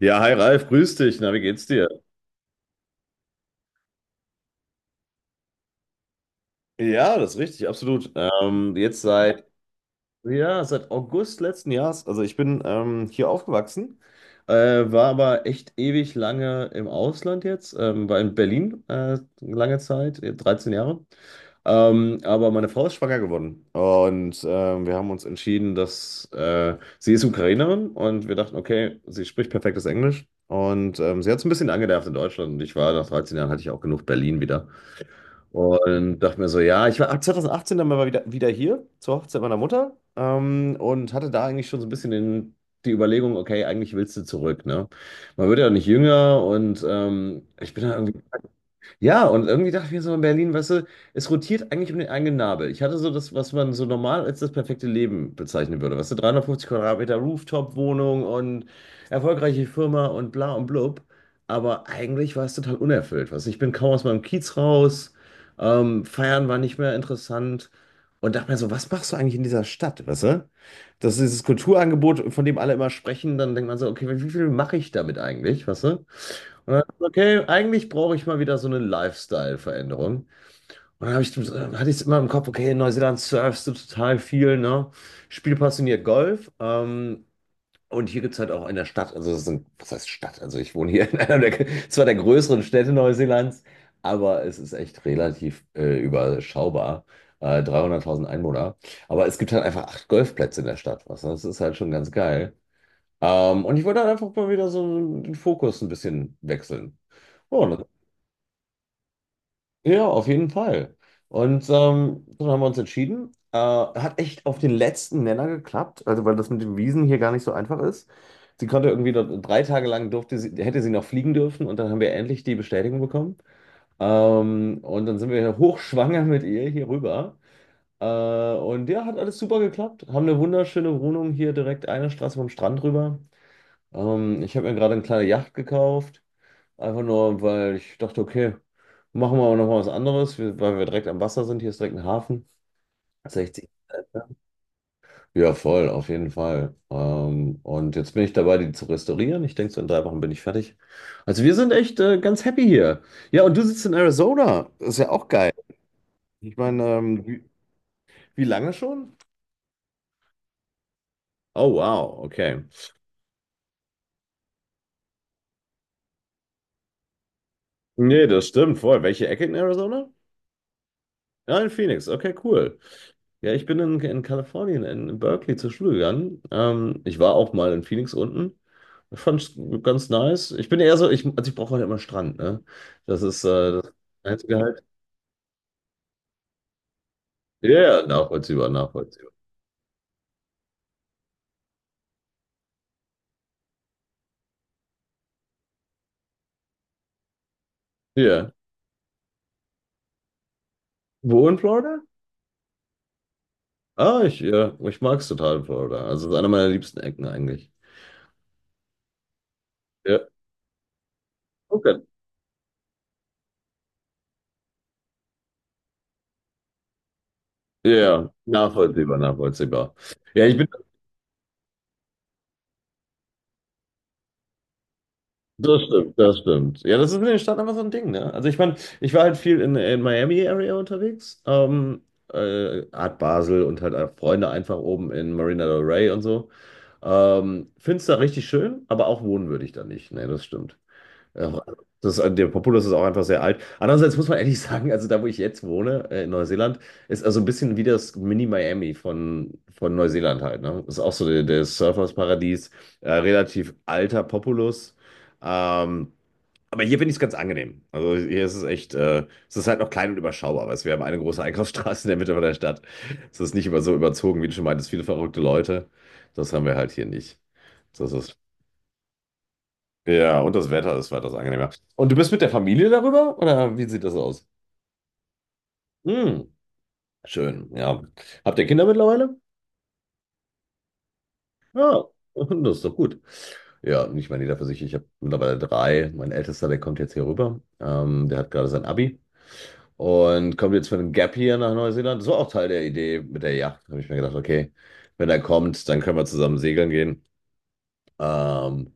Ja, hi Ralf, grüß dich. Na, wie geht's dir? Ja, das ist richtig, absolut. Seit August letzten Jahres. Also ich bin hier aufgewachsen, äh, war aber echt ewig lange im Ausland jetzt, war in Berlin lange Zeit, 13 Jahre. Aber meine Frau ist schwanger geworden, und wir haben uns entschieden, dass sie ist Ukrainerin und wir dachten, okay, sie spricht perfektes Englisch. Und sie hat es ein bisschen angenervt in Deutschland. Und ich war nach 13 Jahren, hatte ich auch genug Berlin wieder. Und dachte mir so, ja, ich war ab 2018 dann mal wieder hier zur Hochzeit meiner Mutter, und hatte da eigentlich schon so ein bisschen den, die Überlegung, okay, eigentlich willst du zurück, ne? Man wird ja nicht jünger, und ich bin da irgendwie, ja, und irgendwie dachte ich mir so in Berlin, weißt du, es rotiert eigentlich um den eigenen Nabel. Ich hatte so das, was man so normal als das perfekte Leben bezeichnen würde. Weißt du, 350 Quadratmeter Rooftop-Wohnung und erfolgreiche Firma und bla und blub. Aber eigentlich war es total unerfüllt. Weißt du, ich bin kaum aus meinem Kiez raus. Feiern war nicht mehr interessant. Und dachte mir so, was machst du eigentlich in dieser Stadt, weißt du? Das ist dieses Kulturangebot, von dem alle immer sprechen. Dann denkt man so, okay, wie viel mache ich damit eigentlich, weißt du? Und dann, okay, eigentlich brauche ich mal wieder so eine Lifestyle-Veränderung. Und dann hatte ich es immer im Kopf, okay, in Neuseeland surfst du total viel, ne? Spiel passioniert Golf. Und hier gibt es halt auch in der Stadt, also es ist ein, was heißt Stadt? Also ich wohne hier in einer der, zwar der größeren Städte Neuseelands, aber es ist echt relativ überschaubar. 300.000 Einwohner. Aber es gibt halt einfach acht Golfplätze in der Stadt. Was, das ist halt schon ganz geil. Und ich wollte halt einfach mal wieder so den Fokus ein bisschen wechseln. Ja, ja, auf jeden Fall. Und dann haben wir uns entschieden. Hat echt auf den letzten Nenner geklappt, also weil das mit den Wiesen hier gar nicht so einfach ist. Sie konnte irgendwie 3 Tage lang durfte sie, hätte sie noch fliegen dürfen, und dann haben wir endlich die Bestätigung bekommen. Und dann sind wir hochschwanger mit ihr hier rüber. Äh, und ja, hat alles super geklappt. Haben eine wunderschöne Wohnung hier direkt eine Straße vom Strand rüber. Ich habe mir gerade eine kleine Yacht gekauft, einfach nur, weil ich dachte, okay, machen wir aber nochmal was anderes, weil wir direkt am Wasser sind. Hier ist direkt ein Hafen. 60. Ja, voll, auf jeden Fall. Und jetzt bin ich dabei, die zu restaurieren. Ich denke, so in 3 Wochen bin ich fertig. Also wir sind echt ganz happy hier. Ja, und du sitzt in Arizona. Ist ja auch geil. Ich meine, wie lange schon? Oh, wow, okay. Nee, das stimmt voll. Welche Ecke in Arizona? Ja, in Phoenix. Okay, cool. Ja, ich bin in Kalifornien, in Berkeley zur Schule gegangen. Ich war auch mal in Phoenix unten. Ich fand ganz nice. Ich bin eher so, also ich brauche halt immer Strand, ne? Das ist das Einzige halt. Ja, ja, nachvollziehbar, nachvollziehbar. Ja. Wo in Florida? Ah, ich mag's total in Florida. Also es ist einer meiner liebsten Ecken eigentlich. Ja, okay. Ja, ja, nachvollziehbar, nachvollziehbar. Ja, ich bin das stimmt, das stimmt. Ja, das ist in den Staaten einfach so ein Ding, ne? Also ich meine, ich war halt viel in Miami-Area unterwegs, Art Basel und halt auch Freunde einfach oben in Marina del Rey und so. Find's da richtig schön, aber auch wohnen würde ich da nicht. Ne, das stimmt. Ja, der Populus ist auch einfach sehr alt. Andererseits muss man ehrlich sagen, also da, wo ich jetzt wohne, in Neuseeland, ist also ein bisschen wie das Mini-Miami von Neuseeland halt. Ne? Ist auch so der Surfersparadies, relativ alter Populus. Ähm, aber hier finde ich es ganz angenehm. Also hier ist es echt. Es ist halt noch klein und überschaubar, weil wir haben eine große Einkaufsstraße in der Mitte von der Stadt. Es ist nicht über so überzogen, wie du schon meintest, viele verrückte Leute. Das haben wir halt hier nicht. Das ist ja, und das Wetter ist weitaus angenehmer. Und du bist mit der Familie darüber? Oder wie sieht das aus? Hm, schön, ja. Habt ihr Kinder mittlerweile? Ja, das ist doch gut. Ja, und ich meine, jeder für sich. Ich habe mittlerweile drei. Mein Ältester, der kommt jetzt hier rüber. Der hat gerade sein Abi und kommt jetzt für einen Gap hier nach Neuseeland. Das war auch Teil der Idee mit der Yacht. Habe ich mir gedacht, okay, wenn er kommt, dann können wir zusammen segeln gehen. Ähm,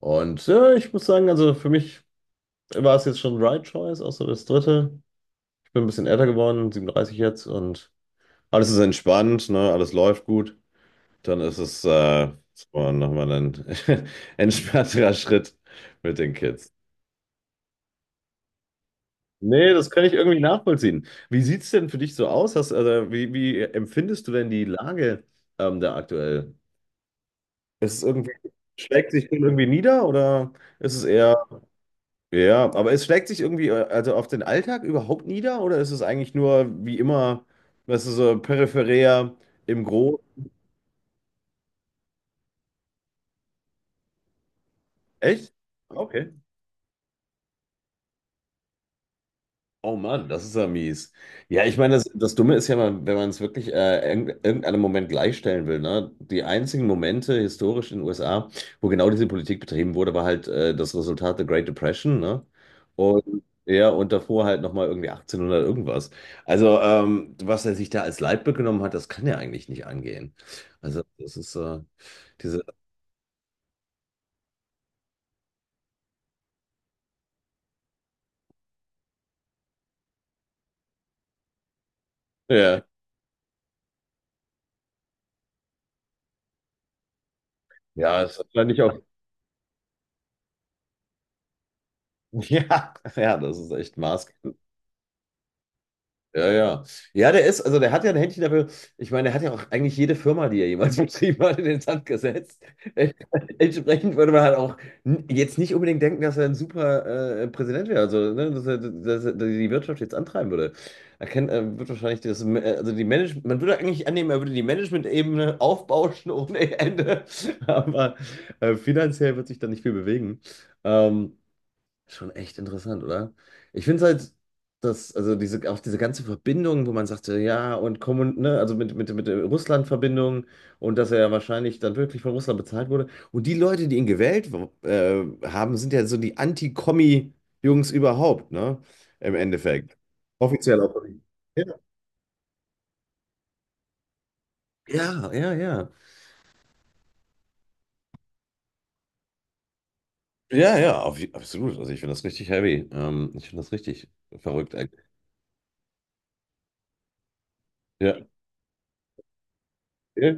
und ja, ich muss sagen, also für mich war es jetzt schon Right Choice, auch so das dritte. Bin ein bisschen älter geworden, 37 jetzt, und alles ist entspannt, ne? Alles läuft gut. Dann ist es so nochmal ein entspannterer Schritt mit den Kids. Nee, das kann ich irgendwie nachvollziehen. Wie sieht es denn für dich so aus? Wie empfindest du denn die Lage da aktuell? Ist es irgendwie, schlägt sich denn irgendwie nieder oder ist es eher, ja, aber es schlägt sich irgendwie also auf den Alltag überhaupt nieder, oder ist es eigentlich nur wie immer, was ist so peripherär im Großen? Echt? Okay. Oh Mann, das ist ja mies. Ja, ich meine, das Dumme ist ja, mal, wenn man es wirklich irgendeinem Moment gleichstellen will, ne? Die einzigen Momente historisch in den USA, wo genau diese Politik betrieben wurde, war halt das Resultat der Great Depression, ne? Und ja, und davor halt nochmal irgendwie 1800 irgendwas. Also, was er sich da als Leitbild genommen hat, das kann ja eigentlich nicht angehen. Also, das ist diese, ja, ja, es ist wahrscheinlich auch, ja, ja, das ist echt maß. Ja, ja. Ja, also der hat ja ein Händchen dafür. Ich meine, der hat ja auch eigentlich jede Firma, die er jemals betrieben hat, in den Sand gesetzt. Entsprechend würde man halt auch jetzt nicht unbedingt denken, dass er ein super Präsident wäre, also ne, dass er die Wirtschaft jetzt antreiben würde. Er wird wahrscheinlich das, also die Management, man würde eigentlich annehmen, er würde die Management-Ebene aufbauschen ohne Ende, aber finanziell wird sich da nicht viel bewegen. Ähm, Schon echt interessant, oder? Ich finde es halt, dass, also diese, auch diese ganze Verbindung, wo man sagte, ja, und Kommun, ne, also mit der Russland-Verbindung, und dass er ja wahrscheinlich dann wirklich von Russland bezahlt wurde. Und die Leute, die ihn gewählt haben, sind ja so die Anti-Kommi-Jungs überhaupt, ne? Im Endeffekt. Offiziell auch. Ja, ja, ja. Ja, ja, ja, absolut. Also ich finde das richtig heavy. Ich finde das richtig verrückt eigentlich. Ja. Ja.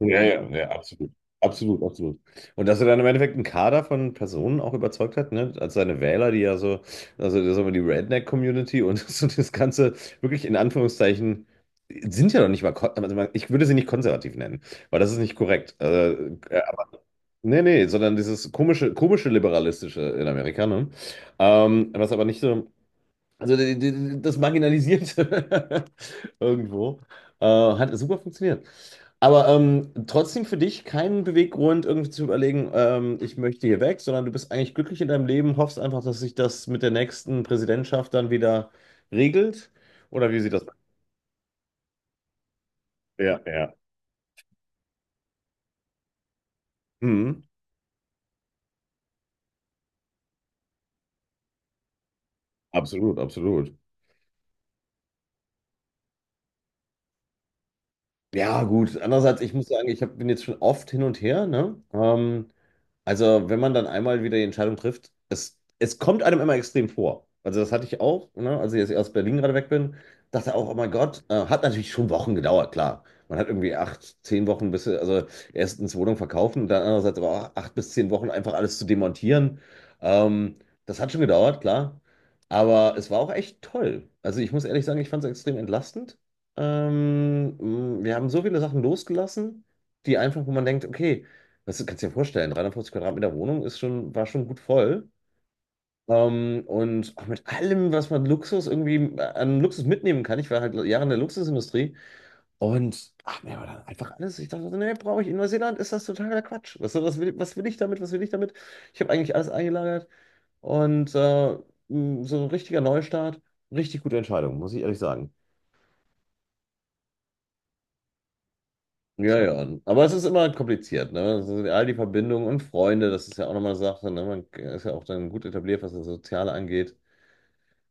Ja, ja, ja, absolut. Absolut, absolut. Und dass er dann im Endeffekt einen Kader von Personen auch überzeugt hat, ne? Als seine Wähler, die ja so, also das ist aber die Redneck-Community und so das Ganze wirklich in Anführungszeichen sind ja noch nicht mal, also ich würde sie nicht konservativ nennen, weil das ist nicht korrekt. Aber, nee, nee, sondern dieses komische, komische liberalistische in Amerika, ne? Was aber nicht so. Also das Marginalisierte irgendwo. Hat super funktioniert. Aber trotzdem für dich keinen Beweggrund, irgendwie zu überlegen, ich möchte hier weg, sondern du bist eigentlich glücklich in deinem Leben, hoffst einfach, dass sich das mit der nächsten Präsidentschaft dann wieder regelt. Oder wie sieht das? Ja, ja. Mhm. Absolut, absolut. Ja, gut. Andererseits, ich muss sagen, bin jetzt schon oft hin und her, ne? Also, wenn man dann einmal wieder die Entscheidung trifft, es kommt einem immer extrem vor. Also, das hatte ich auch, ne? Als ich jetzt aus Berlin gerade weg bin, dachte auch, oh mein Gott, hat natürlich schon Wochen gedauert, klar. Man hat irgendwie 8, 10 Wochen, also erstens Wohnung verkaufen, dann andererseits aber auch 8 bis 10 Wochen einfach alles zu demontieren. Ähm, Das hat schon gedauert, klar. Aber es war auch echt toll. Also, ich muss ehrlich sagen, ich fand es extrem entlastend. Ähm, Wir haben so viele Sachen losgelassen, die einfach, wo man denkt, okay, das kannst du dir vorstellen, 350 Quadratmeter Wohnung war schon gut voll. Und auch mit allem, was man Luxus irgendwie an Luxus mitnehmen kann. Ich war halt Jahre in der Luxusindustrie, und ach, mir war dann einfach alles. Ich dachte, so, nee, brauche ich in Neuseeland, ist das totaler Quatsch. Was will ich damit? Was will ich damit? Ich habe eigentlich alles eingelagert, und so ein richtiger Neustart, richtig gute Entscheidung, muss ich ehrlich sagen. Ja, ja. Aber es ist immer kompliziert, ne? Das all die Verbindungen und Freunde, das ist ja auch nochmal eine Sache, ne? Man ist ja auch dann gut etabliert, was das Soziale angeht.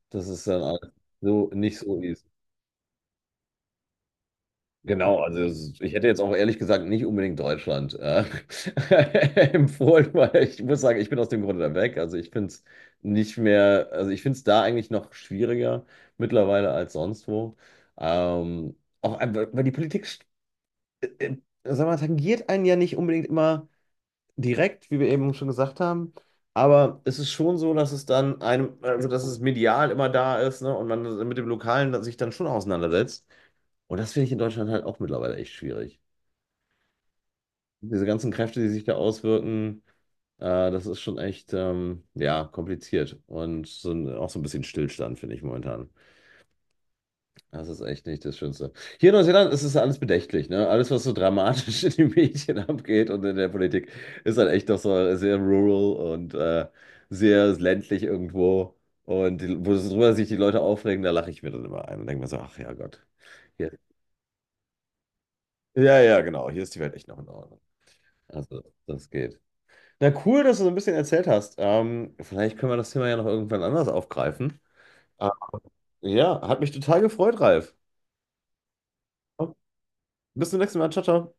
Das ist dann alles so nicht so easy. Genau, also ich hätte jetzt auch ehrlich gesagt nicht unbedingt Deutschland empfohlen, weil ich muss sagen, ich bin aus dem Grunde da weg. Also ich finde es nicht mehr, also ich finde es da eigentlich noch schwieriger mittlerweile als sonst wo. Auch einfach, weil die Politik, äh, äh, sag mal, tangiert einen ja nicht unbedingt immer direkt, wie wir eben schon gesagt haben. Aber es ist schon so, dass es dann einem, also dass es medial immer da ist, ne? Und man mit dem Lokalen dann sich dann schon auseinandersetzt. Und das finde ich in Deutschland halt auch mittlerweile echt schwierig. Diese ganzen Kräfte, die sich da auswirken, äh, das ist schon echt, ja, kompliziert. Und so, auch so ein bisschen Stillstand, finde ich momentan. Das ist echt nicht das Schönste. Hier in Neuseeland ist es alles bedächtlich, ne? Alles, was so dramatisch in den Medien abgeht und in der Politik, ist halt echt doch so sehr rural und sehr ländlich irgendwo. Und die, wo drüber sich die Leute aufregen, da lache ich mir dann immer ein und denke mir so, ach ja Gott. Hier, ja, ja, genau, hier ist die Welt echt noch in Ordnung. Also, das geht. Na cool, dass du so ein bisschen erzählt hast. Vielleicht können wir das Thema ja noch irgendwann anders aufgreifen. Ah, ja, hat mich total gefreut, Ralf. Bis zum nächsten Mal. Ciao, ciao.